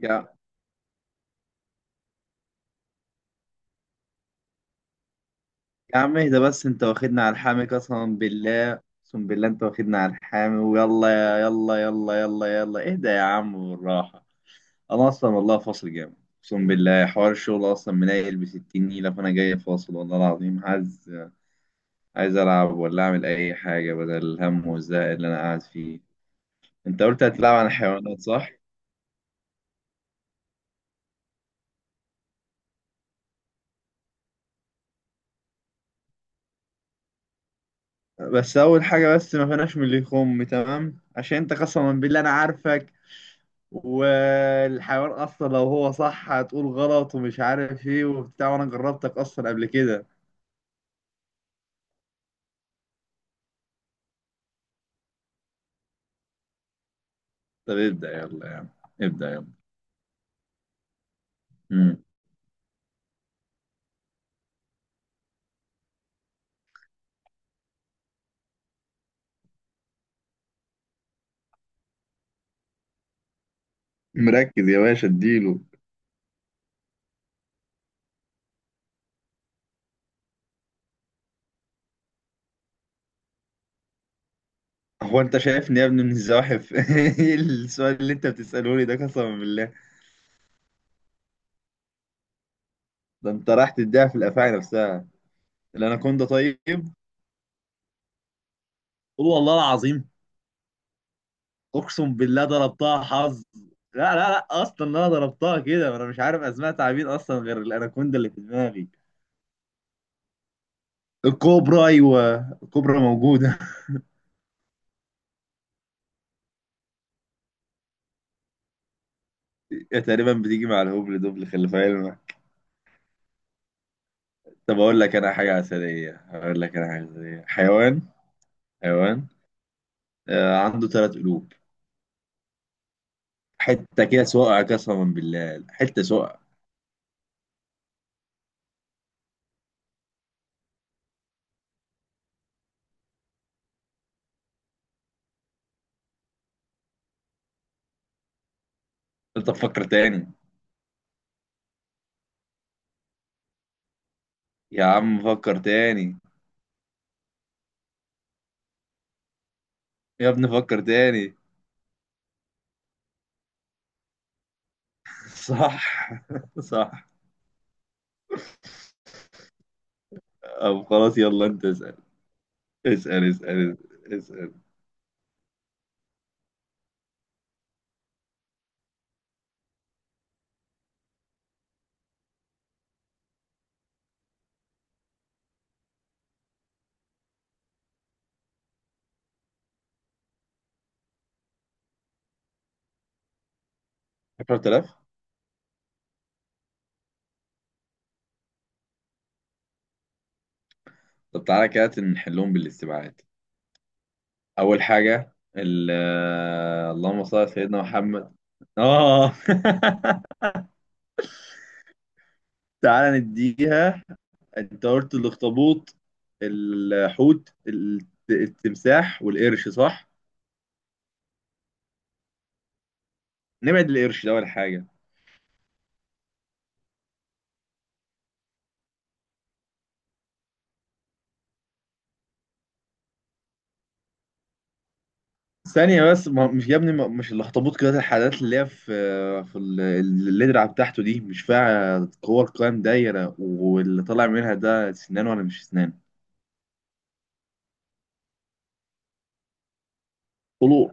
يا يا عم اهدى بس انت واخدنا على الحامي، قسما بالله اقسم بالله انت واخدنا على الحامي، ويلا يا يلا يلا يلا يلا اهدى يا عم بالراحة. انا اصلا والله فاصل جامد، اقسم بالله حوار الشغل اصلا منيل ب 60 نيلة. فانا جاي فاصل والله العظيم، عايز العب ولا اعمل اي حاجة بدل الهم والزهق اللي انا قاعد فيه. انت قلت هتلعب عن الحيوانات صح؟ بس اول حاجة، بس ما فيناش من اللي يخم تمام، عشان انت قسما بالله انا عارفك. والحيوان اصلا لو هو صح هتقول غلط ومش عارف ايه وبتاع، وانا جربتك اصلا قبل كده. طب ابدأ يلا يا عم، ابدأ يلا. مم. مركز يا باشا، اديله. هو انت شايفني يا ابني من الزواحف؟ ايه السؤال اللي انت بتسأله لي ده قسما بالله؟ ده انت راح تديها في الافاعي نفسها. الاناكوندا، طيب. قول والله العظيم. اقسم بالله ضربتها حظ. لا لا لا، اصلا انا ضربتها كده، انا مش عارف اسماء تعابين اصلا غير الاناكوندا اللي في دماغي. الكوبرا، ايوه، الكوبرا موجوده. هي تقريبا بتيجي مع الهبل دبل، خلي في علمك. طب اقول لك انا حاجه عسليه، اقول لك انا حاجه عسليه. حيوان عنده ثلاث قلوب. حته كده سقع، قسما بالله حته سقع. انت فكر تاني. يا عم فكر تاني. يا ابني فكر تاني. صح. صح. طب خلاص يلا انت اسال. اسال اسال. اسال. 10,000. طب تعالى كده نحلهم بالاستبعاد. اول حاجه ال-. اللهم صل على سيدنا محمد. اه. تعالى نديها. انت قلت الاخطبوط، الحوت، التمساح والقرش، صح؟ نبعد القرش ده اول حاجه. ثانيه بس، ما مش يا ابني، مش الاخطبوط كده. الحاجات اللي هي في في اللدرة بتاعته دي، مش فيها كور قوام دايره، واللي طالع منها ده سنان ولا مش سنان؟ قولوا،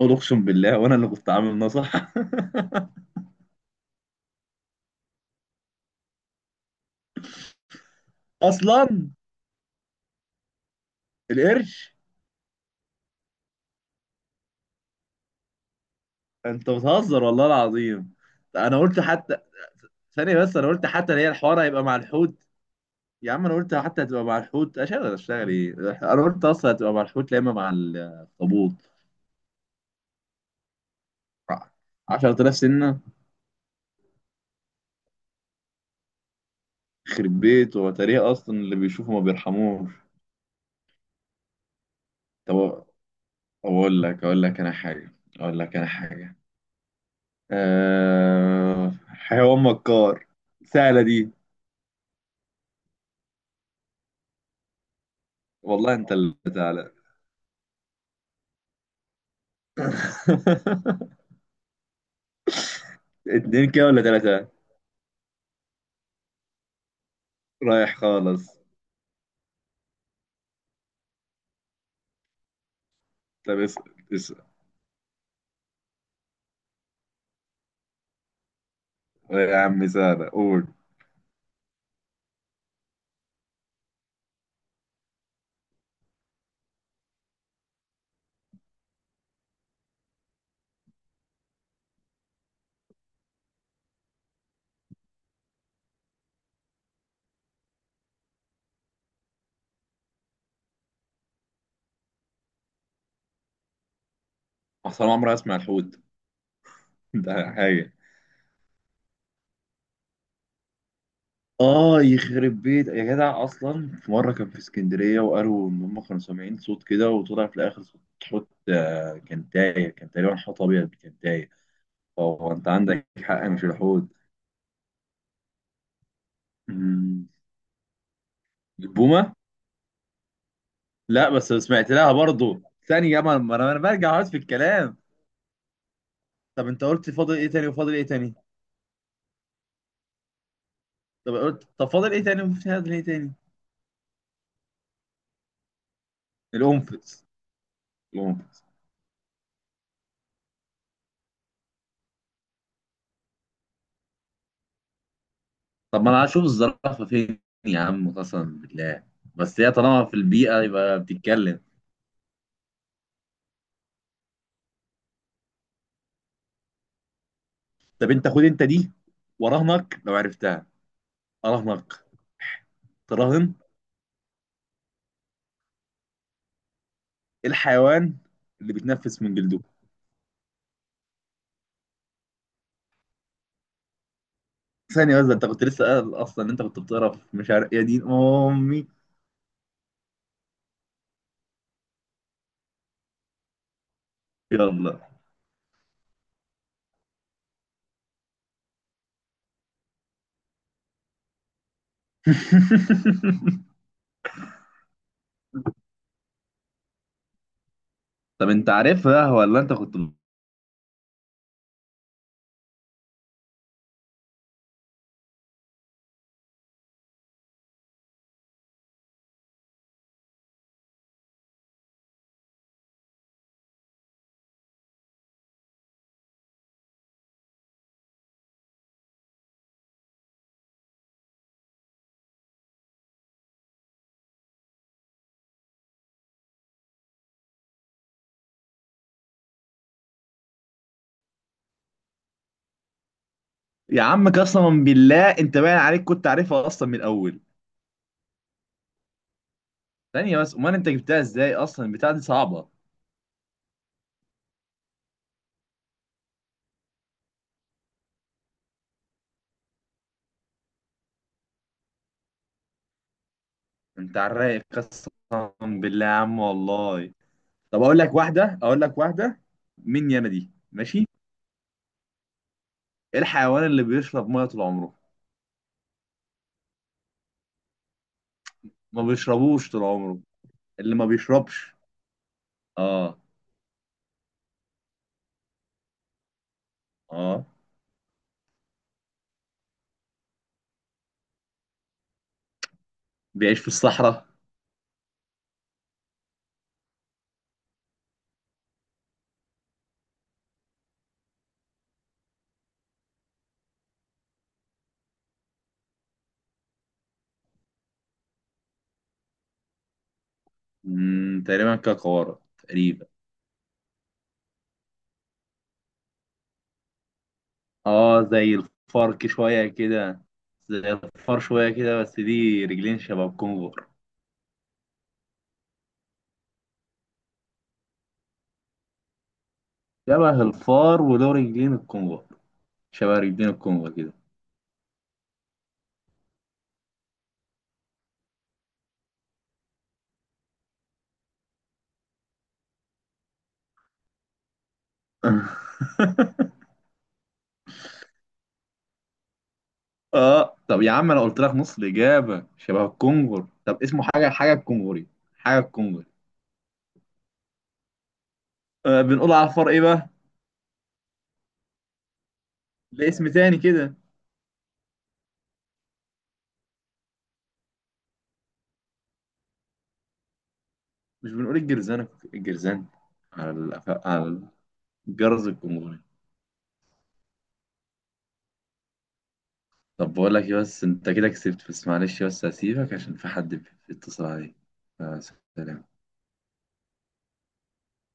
قولوا اقسم بالله، وانا اللي كنت عامل نصح. اصلا القرش. انت بتهزر والله العظيم. انا قلت حتى. ثانية بس، انا قلت حتى هي الحوار هيبقى مع الحوت. يا عم انا قلت حتى هتبقى مع الحوت. اشتغل اشتغل ايه؟ انا قلت اصلا هتبقى مع الحوت، لا اما مع الاخطبوط. 10,000 سنة. يخرب بيت، هو تاريخ اصلا اللي بيشوفه ما بيرحموش. طب اقول لك، اقول لك انا حاجة، اقول لك انا حاجة. حيوان مكار. سهلة دي. والله انت اللي تعالى. اتنين كده ولا تلاتة؟ رايح خالص. طب اسأل. اسأل. يا عم سهلة، قول. أصل أنا عمري أسمع الحوت. ده حاجة. يخرب بيت يا جدع، أصلا في مرة كان في اسكندرية وقالوا إن هم كانوا سامعين صوت كده، وطلع في الآخر صوت حوت. كان تايه، كان تقريبا حوت أبيض كان تايه. فهو أنت عندك حق، مش الحوت. أمم، البومة؟ لا بس سمعت لها برضه. ثانية ما أنا برجع أقعد في الكلام. طب أنت قلت فاضل إيه تاني وفاضل إيه تاني؟ طب قلت طب فاضل إيه تاني وفاضل إيه تاني؟ القنفذ. القنفذ. طب ما انا هشوف الزرافه فين؟ يا عم قسما بالله، بس هي طالما في البيئه يبقى بتتكلم. طب انت خد انت دي، وراهنك لو عرفتها. اراهنك. تراهن. إيه الحيوان اللي بيتنفس من جلده؟ ثانية بس، ده انت كنت لسه قايل اصلا ان انت كنت بتقرا في، مش عارف، يا دين امي. يلا. طب انت عارفها ولا انت كنت؟ يا عم قسما بالله انت باين عليك كنت عارفها اصلا من الاول. ثانية بس، امال انت جبتها ازاي اصلا؟ البتاعة دي صعبة. انت على الرايق قسما بالله يا عم والله. طب اقول لك واحده، اقول لك واحده مني انا دي، ماشي؟ ايه الحيوان اللي بيشرب ميه طول عمره؟ ما بيشربوش طول عمره، اللي ما بيشربش. اه. اه، بيعيش في الصحراء. تقريبا كقارة تقريبا. اه زي الفرك شويه كده. زي الفار شويه كده، بس دي رجلين شبه الكونغر. شبه الفار وله رجلين الكونغر. شبه رجلين الكونغر كده. اه طب يا عم انا قلت لك نص الاجابه شبه الكونغر. طب اسمه حاجه الكونغري. حاجه الكونغري. آه بنقول على الفار ايه بقى؟ ده اسم تاني كده. مش بنقول الجرزان؟ الجرزان. على الجرز الكونغري. طب بقول لك إيه، بس انت كده كسبت. بس معلش، بس هسيبك عشان في حد بيتصل عليك. آه. سلام.